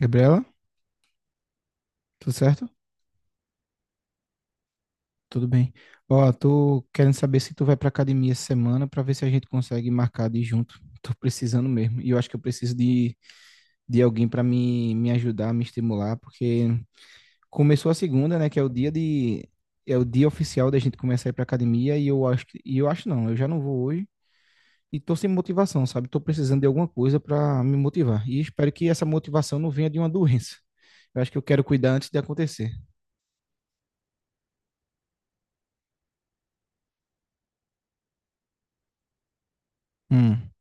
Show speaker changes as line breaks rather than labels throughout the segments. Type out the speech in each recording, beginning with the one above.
Gabriela, tudo certo? Tudo bem. Ó, tô querendo saber se tu vai pra academia essa semana pra ver se a gente consegue marcar de ir junto. Tô precisando mesmo. E eu acho que eu preciso de alguém pra me ajudar, me estimular, porque começou a segunda, né, que é o dia de é o dia oficial da gente começar a ir pra academia e eu acho não, eu já não vou hoje e tô sem motivação, sabe? Tô precisando de alguma coisa pra me motivar. E espero que essa motivação não venha de uma doença. Eu acho que eu quero cuidar antes de acontecer. Hum.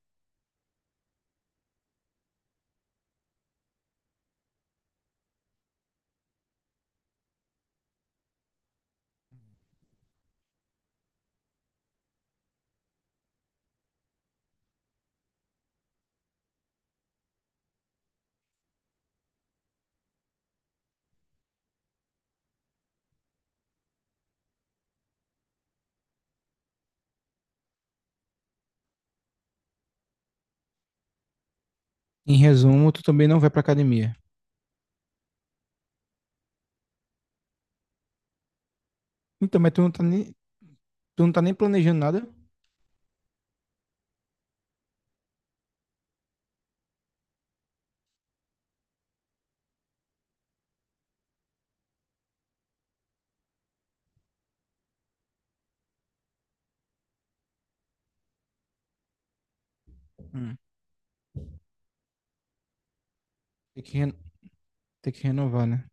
Em resumo, tu também não vai pra academia. Então, tu não tá nem planejando nada? Hum. Tem que, re- Tem que renovar, né?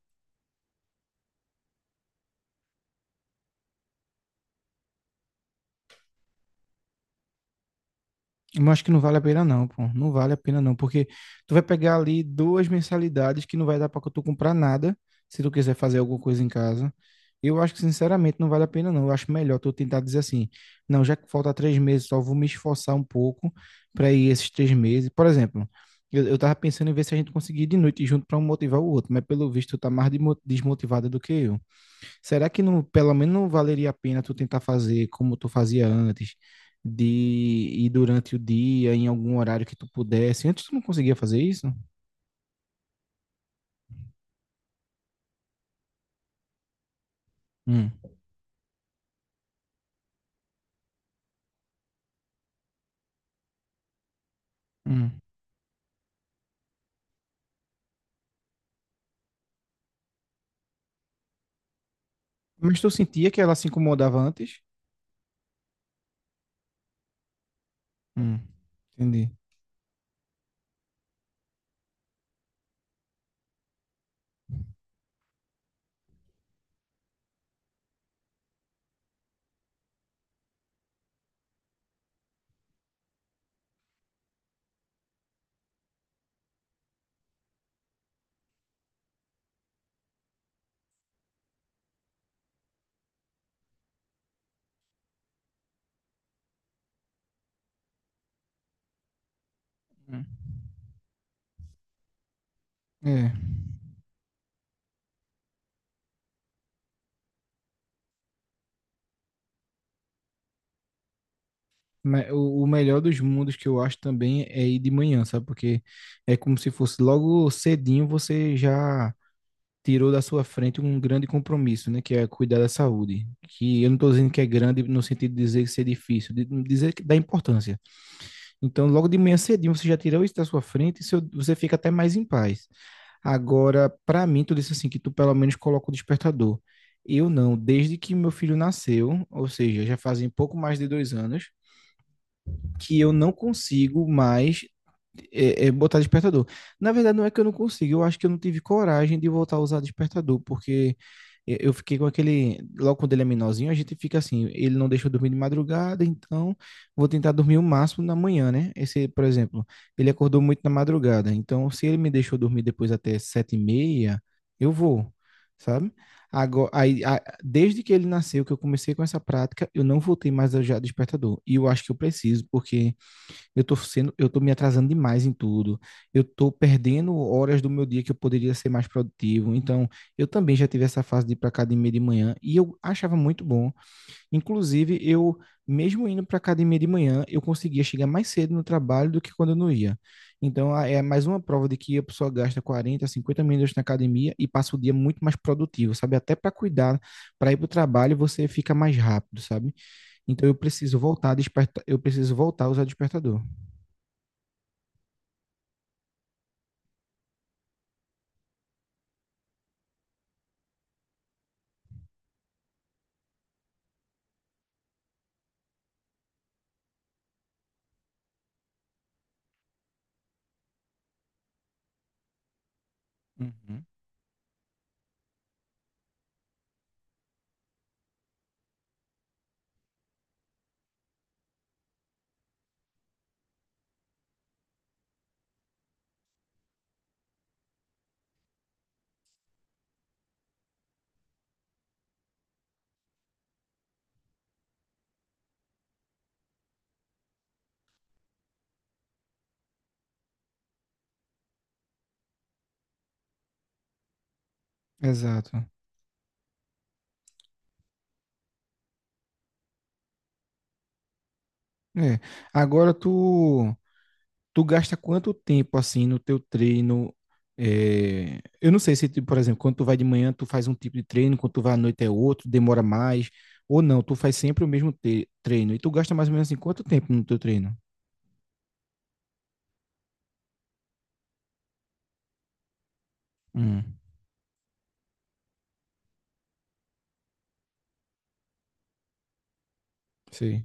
Eu acho que não vale a pena não, pô. Não vale a pena não, porque tu vai pegar ali duas mensalidades que não vai dar pra tu comprar nada, se tu quiser fazer alguma coisa em casa. Eu acho que, sinceramente, não vale a pena não. Eu acho melhor tu tentar dizer assim, não, já que falta três meses, só vou me esforçar um pouco pra ir esses três meses. Por exemplo, eu tava pensando em ver se a gente conseguir ir de noite junto pra um motivar o outro, mas pelo visto tu tá mais desmotivada do que eu. Será que não, pelo menos não valeria a pena tu tentar fazer como tu fazia antes, de ir durante o dia, em algum horário que tu pudesse? Antes tu não conseguia fazer isso? Hum, hum. Mas tu sentia que ela se incomodava antes? Hum, entendi. Hum. É. Mas o melhor dos mundos que eu acho também é ir de manhã, sabe? Porque é como se fosse logo cedinho você já tirou da sua frente um grande compromisso, né, que é cuidar da saúde. Que eu não estou dizendo que é grande no sentido de dizer que ser é difícil, de dizer que dá importância. Então, logo de manhã cedinho você já tirou isso da sua frente e você fica até mais em paz. Agora, para mim, tu disse assim que tu pelo menos coloca o despertador. Eu não, desde que meu filho nasceu, ou seja, já fazem pouco mais de dois anos, que eu não consigo mais botar despertador. Na verdade, não é que eu não consigo, eu acho que eu não tive coragem de voltar a usar despertador, porque eu fiquei com aquele. Logo quando ele é menorzinho, a gente fica assim, ele não deixa eu dormir de madrugada, então vou tentar dormir o máximo na manhã, né? Esse, por exemplo, ele acordou muito na madrugada, então se ele me deixou dormir depois até sete e meia, eu vou, sabe? Agora, aí, a- Desde que ele nasceu, que eu comecei com essa prática, eu não voltei mais a usar despertador. E eu acho que eu preciso, porque eu tô me atrasando demais em tudo. Eu tô perdendo horas do meu dia que eu poderia ser mais produtivo. Então, eu também já tive essa fase de ir para academia de manhã e eu achava muito bom. Inclusive, eu, mesmo indo para a academia de manhã, eu conseguia chegar mais cedo no trabalho do que quando eu não ia. Então, é mais uma prova de que a pessoa gasta 40 50 minutos na academia e passa o dia muito mais produtivo, sabe? Até para cuidar, para ir para o trabalho, você fica mais rápido, sabe? Então, eu preciso eu preciso voltar a usar despertador. Uhum. Exato. É. Agora tu gasta quanto tempo assim no teu treino? É, eu não sei se, tu, por exemplo, quando tu vai de manhã, tu faz um tipo de treino, quando tu vai à noite é outro, demora mais, ou não, tu faz sempre o mesmo treino. E tu gasta mais ou menos assim, quanto tempo no teu treino? Hum, sei.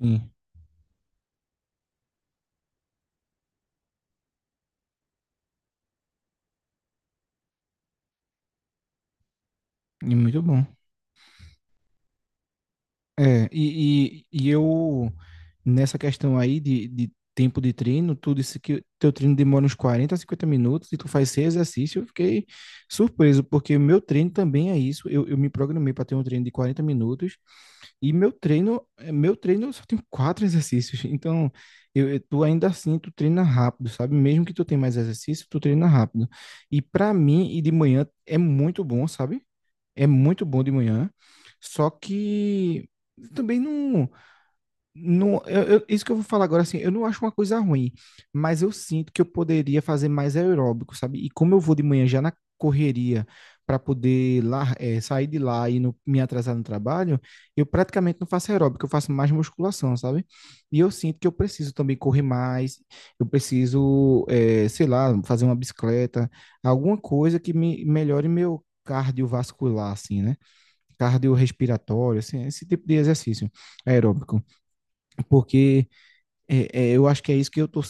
Sim. E muito bom. É, e, e, e eu, Nessa questão aí de tempo de treino, tu disse que teu treino demora uns 40 a 50 minutos e tu faz seis exercícios, eu fiquei surpreso, porque meu treino também é isso, eu me programei para ter um treino de 40 minutos e meu treino, meu treino eu só tenho quatro exercícios, então tu ainda assim, tu treina rápido, sabe? Mesmo que tu tenha mais exercício, tu treina rápido. E para mim, e de manhã é muito bom, sabe? É muito bom de manhã, só que também não, isso que eu vou falar agora assim, eu não acho uma coisa ruim, mas eu sinto que eu poderia fazer mais aeróbico, sabe? E como eu vou de manhã já na correria para poder lá, sair de lá e não me atrasar no trabalho, eu praticamente não faço aeróbico, eu faço mais musculação, sabe? E eu sinto que eu preciso também correr mais, eu preciso, sei lá, fazer uma bicicleta, alguma coisa que me melhore meu cardiovascular, assim, né? Cardiorrespiratório, assim, esse tipo de exercício aeróbico, porque eu acho que é isso que eu tô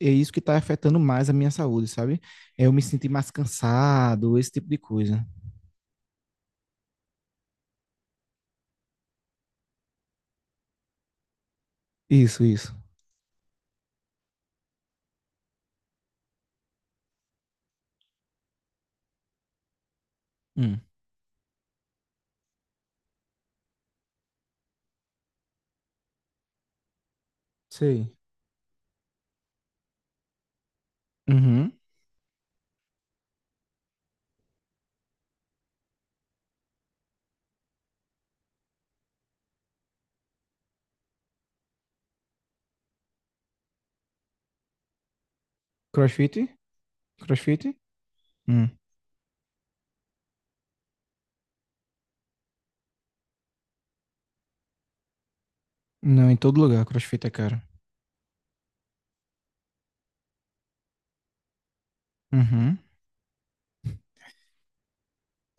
é isso que está afetando mais a minha saúde, sabe? É eu me sentir mais cansado, esse tipo de coisa. Isso, isso. Hum, sei. Uhum. CrossFit? CrossFit? Hum. Não, em todo lugar, crossfit é caro. Uhum.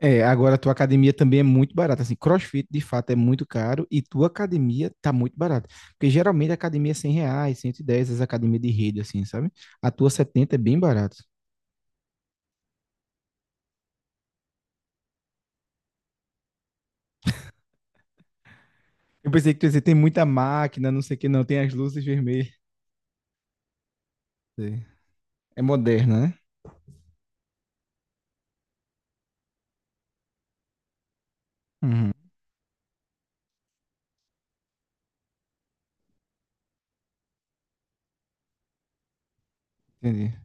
É, agora a tua academia também é muito barata. Assim, CrossFit de fato é muito caro e tua academia tá muito barata. Porque geralmente a academia é 100 reais, 110 as academias de rede, assim, sabe? A tua setenta é bem barata. Eu pensei que tu ia dizer, tem muita máquina, não sei o que, não, tem as luzes vermelhas. É é moderna, né? Uhum, entendi.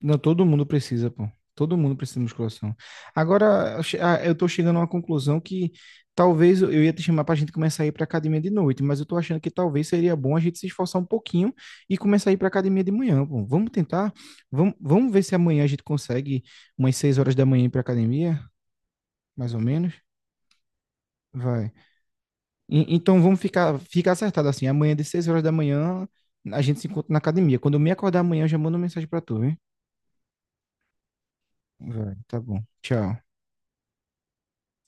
Não, todo mundo precisa, pô. Todo mundo precisa de musculação. Agora, eu tô chegando a uma conclusão que talvez eu ia te chamar pra gente começar a ir pra academia de noite, mas eu tô achando que talvez seria bom a gente se esforçar um pouquinho e começar a ir pra academia de manhã, pô. Vamos tentar? Vamos, vamos ver se amanhã a gente consegue umas 6 horas da manhã ir pra academia, mais ou menos. Vai. Então vamos ficar acertado assim. Amanhã de 6 horas da manhã a gente se encontra na academia. Quando eu me acordar amanhã, eu já mando uma mensagem pra tu, hein? Vai, tá bom. Tchau.